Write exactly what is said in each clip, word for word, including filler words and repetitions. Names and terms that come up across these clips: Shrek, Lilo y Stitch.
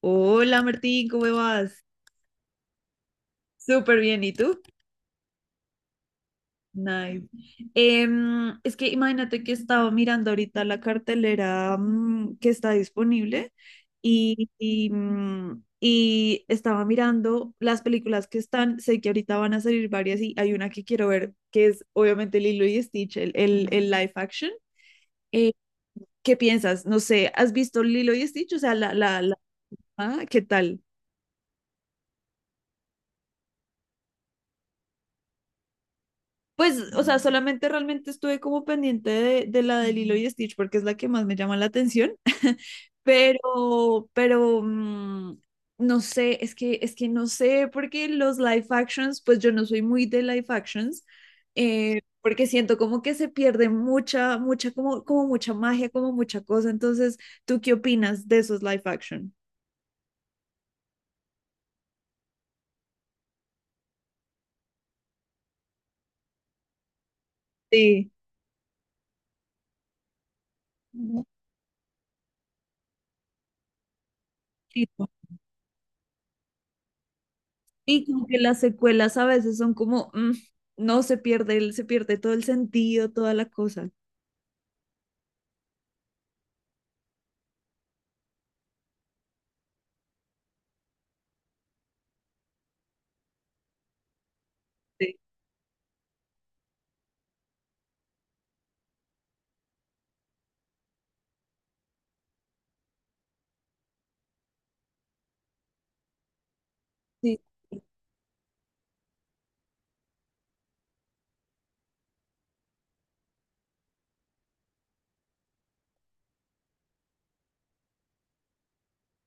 Hola Martín, ¿cómo vas? Súper bien, ¿y tú? Nice. Em, es que imagínate que estaba mirando ahorita la cartelera mm, que está disponible y, y, mm, y estaba mirando las películas que están. Sé que ahorita van a salir varias y hay una que quiero ver que es obviamente Lilo y Stitch, el, el, el live action. Eh, ¿qué piensas? No sé, ¿has visto Lilo y Stitch? O sea, la, la, la, ah, ¿qué tal? Pues, o sea, solamente realmente estuve como pendiente de, de la de Lilo y Stitch porque es la que más me llama la atención, pero, pero, mm, no sé, es que, es que no sé, porque los live actions, pues yo no soy muy de live actions, eh, porque siento como que se pierde mucha, mucha, como, como mucha magia, como mucha cosa. Entonces, ¿tú qué opinas de esos live action? Sí. Mm. Y como que las secuelas a veces son como, mm, no se pierde, el- se pierde todo el sentido, toda la cosa. Sí, sí,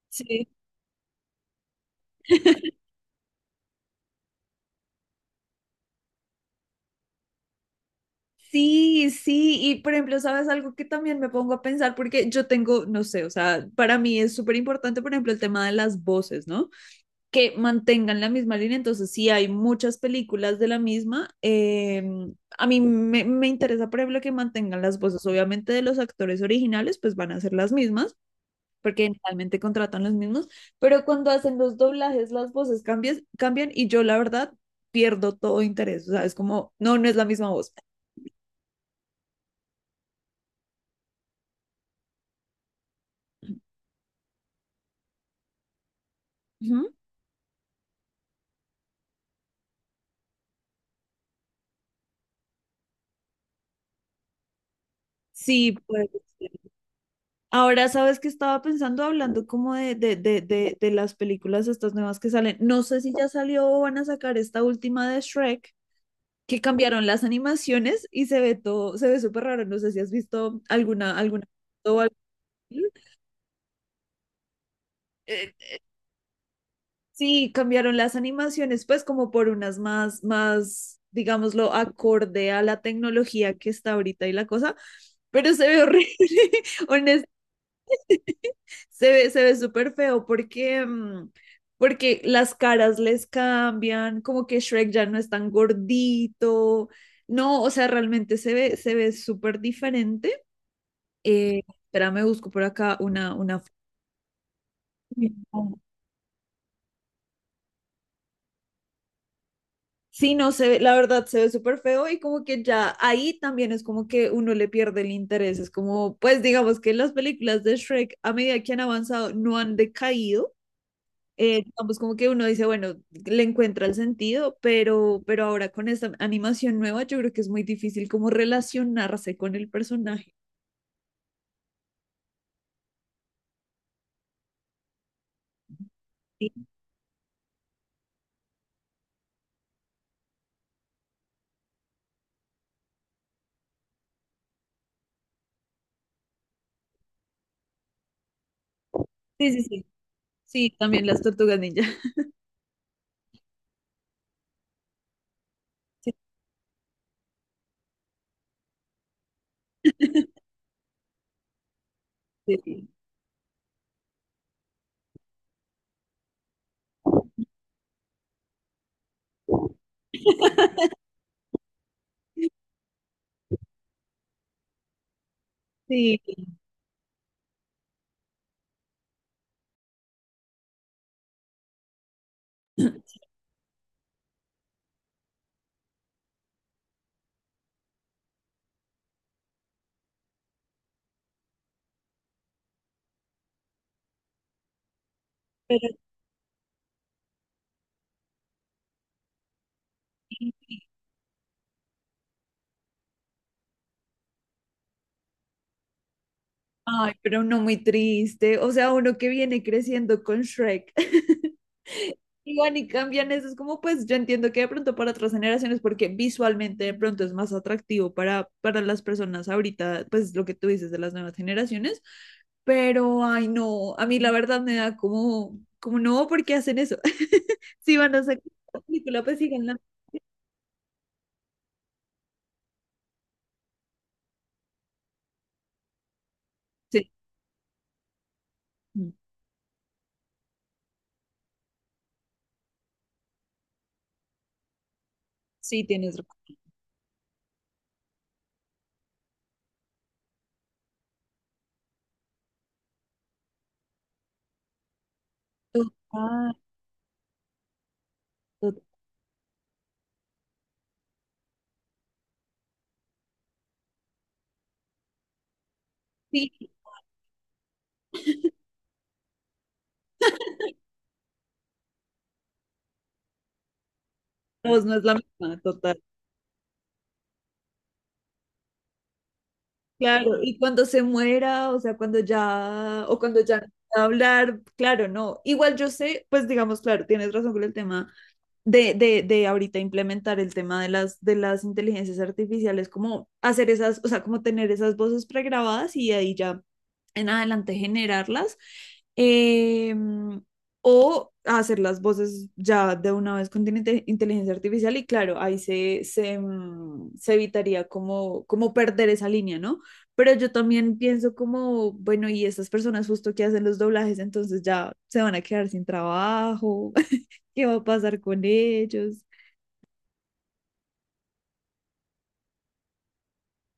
sí. Sí, sí, y por ejemplo, ¿sabes algo que también me pongo a pensar? Porque yo tengo, no sé, o sea, para mí es súper importante, por ejemplo, el tema de las voces, ¿no? Que mantengan la misma línea, entonces sí hay muchas películas de la misma. Eh, a mí me, me interesa, por ejemplo, que mantengan las voces, obviamente de los actores originales, pues van a ser las mismas, porque generalmente contratan los mismos, pero cuando hacen los doblajes las voces cambian, cambian y yo la verdad pierdo todo interés, o sea, es como, no, no es la misma voz. Ujú. Sí, pues. Ahora, ¿sabes que estaba pensando hablando como de, de, de, de, de las películas estas nuevas que salen? No sé si ya salió o van a sacar esta última de Shrek, que cambiaron las animaciones y se ve todo, se ve súper raro. No sé si has visto alguna, alguna o algo. Eh, Sí, cambiaron las animaciones, pues como por unas más, más, digámoslo, acorde a la tecnología que está ahorita y la cosa, pero se ve horrible, honest, se ve, se ve súper feo porque, mm, porque las caras les cambian, como que Shrek ya no es tan gordito, no, o sea, realmente se ve, se ve súper diferente. Eh, espera, me busco por acá una, una... foto. Sí, no se ve, la verdad se ve súper feo y como que ya ahí también es como que uno le pierde el interés. Es como, pues digamos que las películas de Shrek a medida que han avanzado no han decaído. Eh, digamos como que uno dice, bueno, le encuentra el sentido, pero, pero ahora con esta animación nueva yo creo que es muy difícil como relacionarse con el personaje. Sí, sí, sí. Sí, sí, también las tortugas ninja. Sí, sí, sí. Sí. Pero sí. Ay, pero uno muy triste, o sea, uno que viene creciendo con Shrek. Y van y cambian eso, es como pues yo entiendo que de pronto para otras generaciones, porque visualmente de pronto es más atractivo para, para las personas ahorita, pues lo que tú dices de las nuevas generaciones, pero ay no, a mí la verdad me da como, como no, ¿por qué hacen eso? Si van a sacar la película, pues síganla. Sí, mm, sí, tienes razón. Total, total. Sí, la voz no es la misma, total. Claro, y cuando se muera, o sea, cuando ya, o cuando ya no pueda hablar, claro, no. Igual yo sé, pues digamos, claro, tienes razón con el tema de, de, de ahorita implementar el tema de las, de las inteligencias artificiales, como hacer esas, o sea, como tener esas voces pregrabadas y ahí ya en adelante generarlas. Eh, o hacer las voces ya de una vez con inte- inteligencia artificial y claro, ahí se, se, mm, se evitaría como, como perder esa línea, ¿no? Pero yo también pienso como, bueno, y estas personas justo que hacen los doblajes, entonces ya se van a quedar sin trabajo. Qué va a pasar con ellos.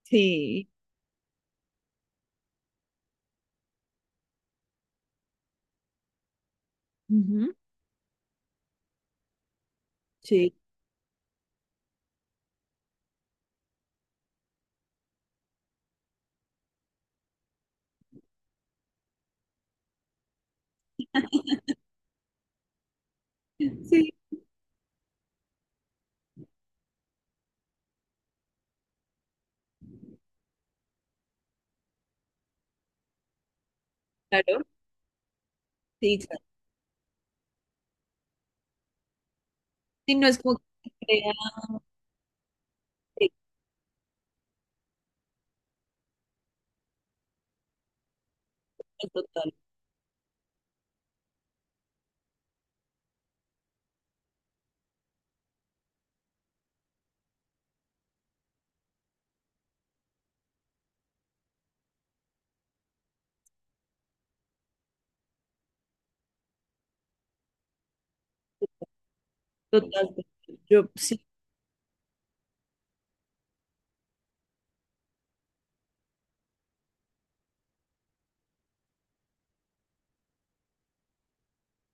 Sí. Ujú. Sí. Sí, claro, sí, claro. Sí, no es como que se crea, sí, total, total. Yo sí,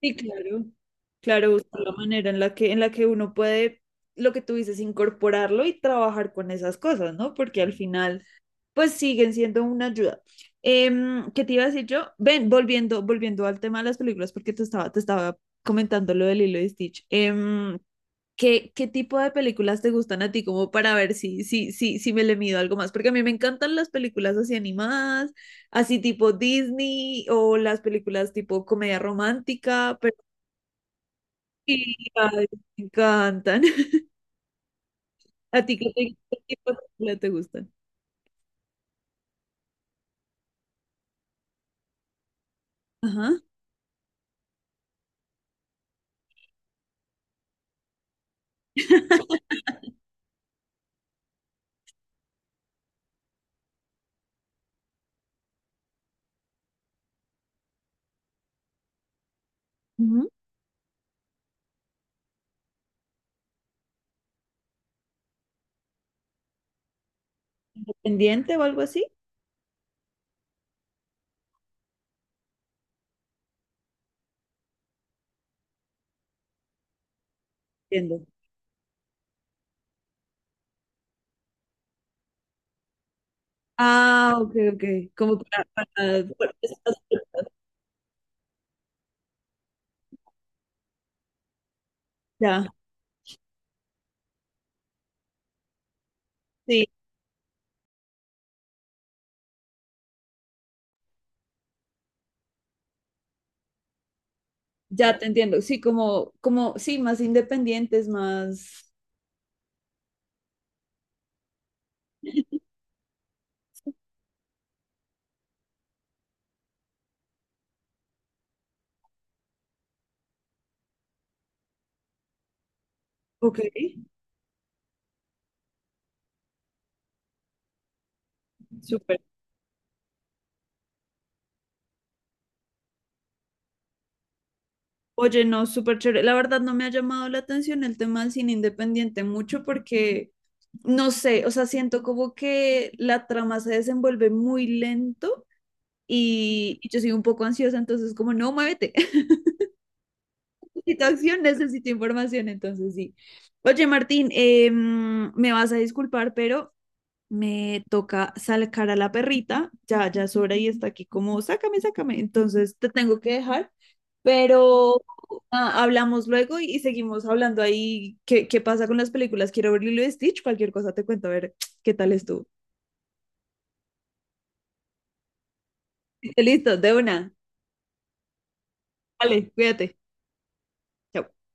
sí, claro, claro, buscar la manera en la que, en la que uno puede, lo que tú dices, incorporarlo y trabajar con esas cosas, ¿no? Porque al final, pues siguen siendo una ayuda. Em, ¿qué te iba a decir yo? Ven, volviendo, volviendo al tema de las películas, porque te estaba, te estaba comentando lo del Lilo y Stitch. Em, ¿Qué, qué tipo de películas te gustan a ti? Como para ver si, si, si, si me le mido algo más. Porque a mí me encantan las películas así animadas, así tipo Disney o las películas tipo comedia romántica, pero sí, ay, me encantan. ¿A ti qué, te- qué tipo de películas te gustan? Ajá. Ujú. ¿Independiente o algo así? Entiendo. Ah, ok, ok. Como para, para- para... Ya, sí. Ya te entiendo, sí, como, como, sí, más independientes, más... Ok, súper. Oye, no, súper chévere. La verdad no me ha llamado la atención el tema del cine independiente mucho porque, no sé, o sea, siento como que la trama se desenvuelve muy lento y, y yo soy un poco ansiosa, entonces como, no, muévete. Necesito acción, necesito información, entonces sí. Oye, Martín, eh, mm, me vas a disculpar, pero me toca sacar a la perrita, ya, ya es hora y está aquí como, sácame, sácame, entonces te tengo que dejar, pero ah, hablamos luego y, y seguimos hablando ahí qué, qué pasa con las películas, quiero ver Lilo y Stitch, cualquier cosa te cuento, a ver qué tal estuvo. Listo, de una, vale, cuídate, chao.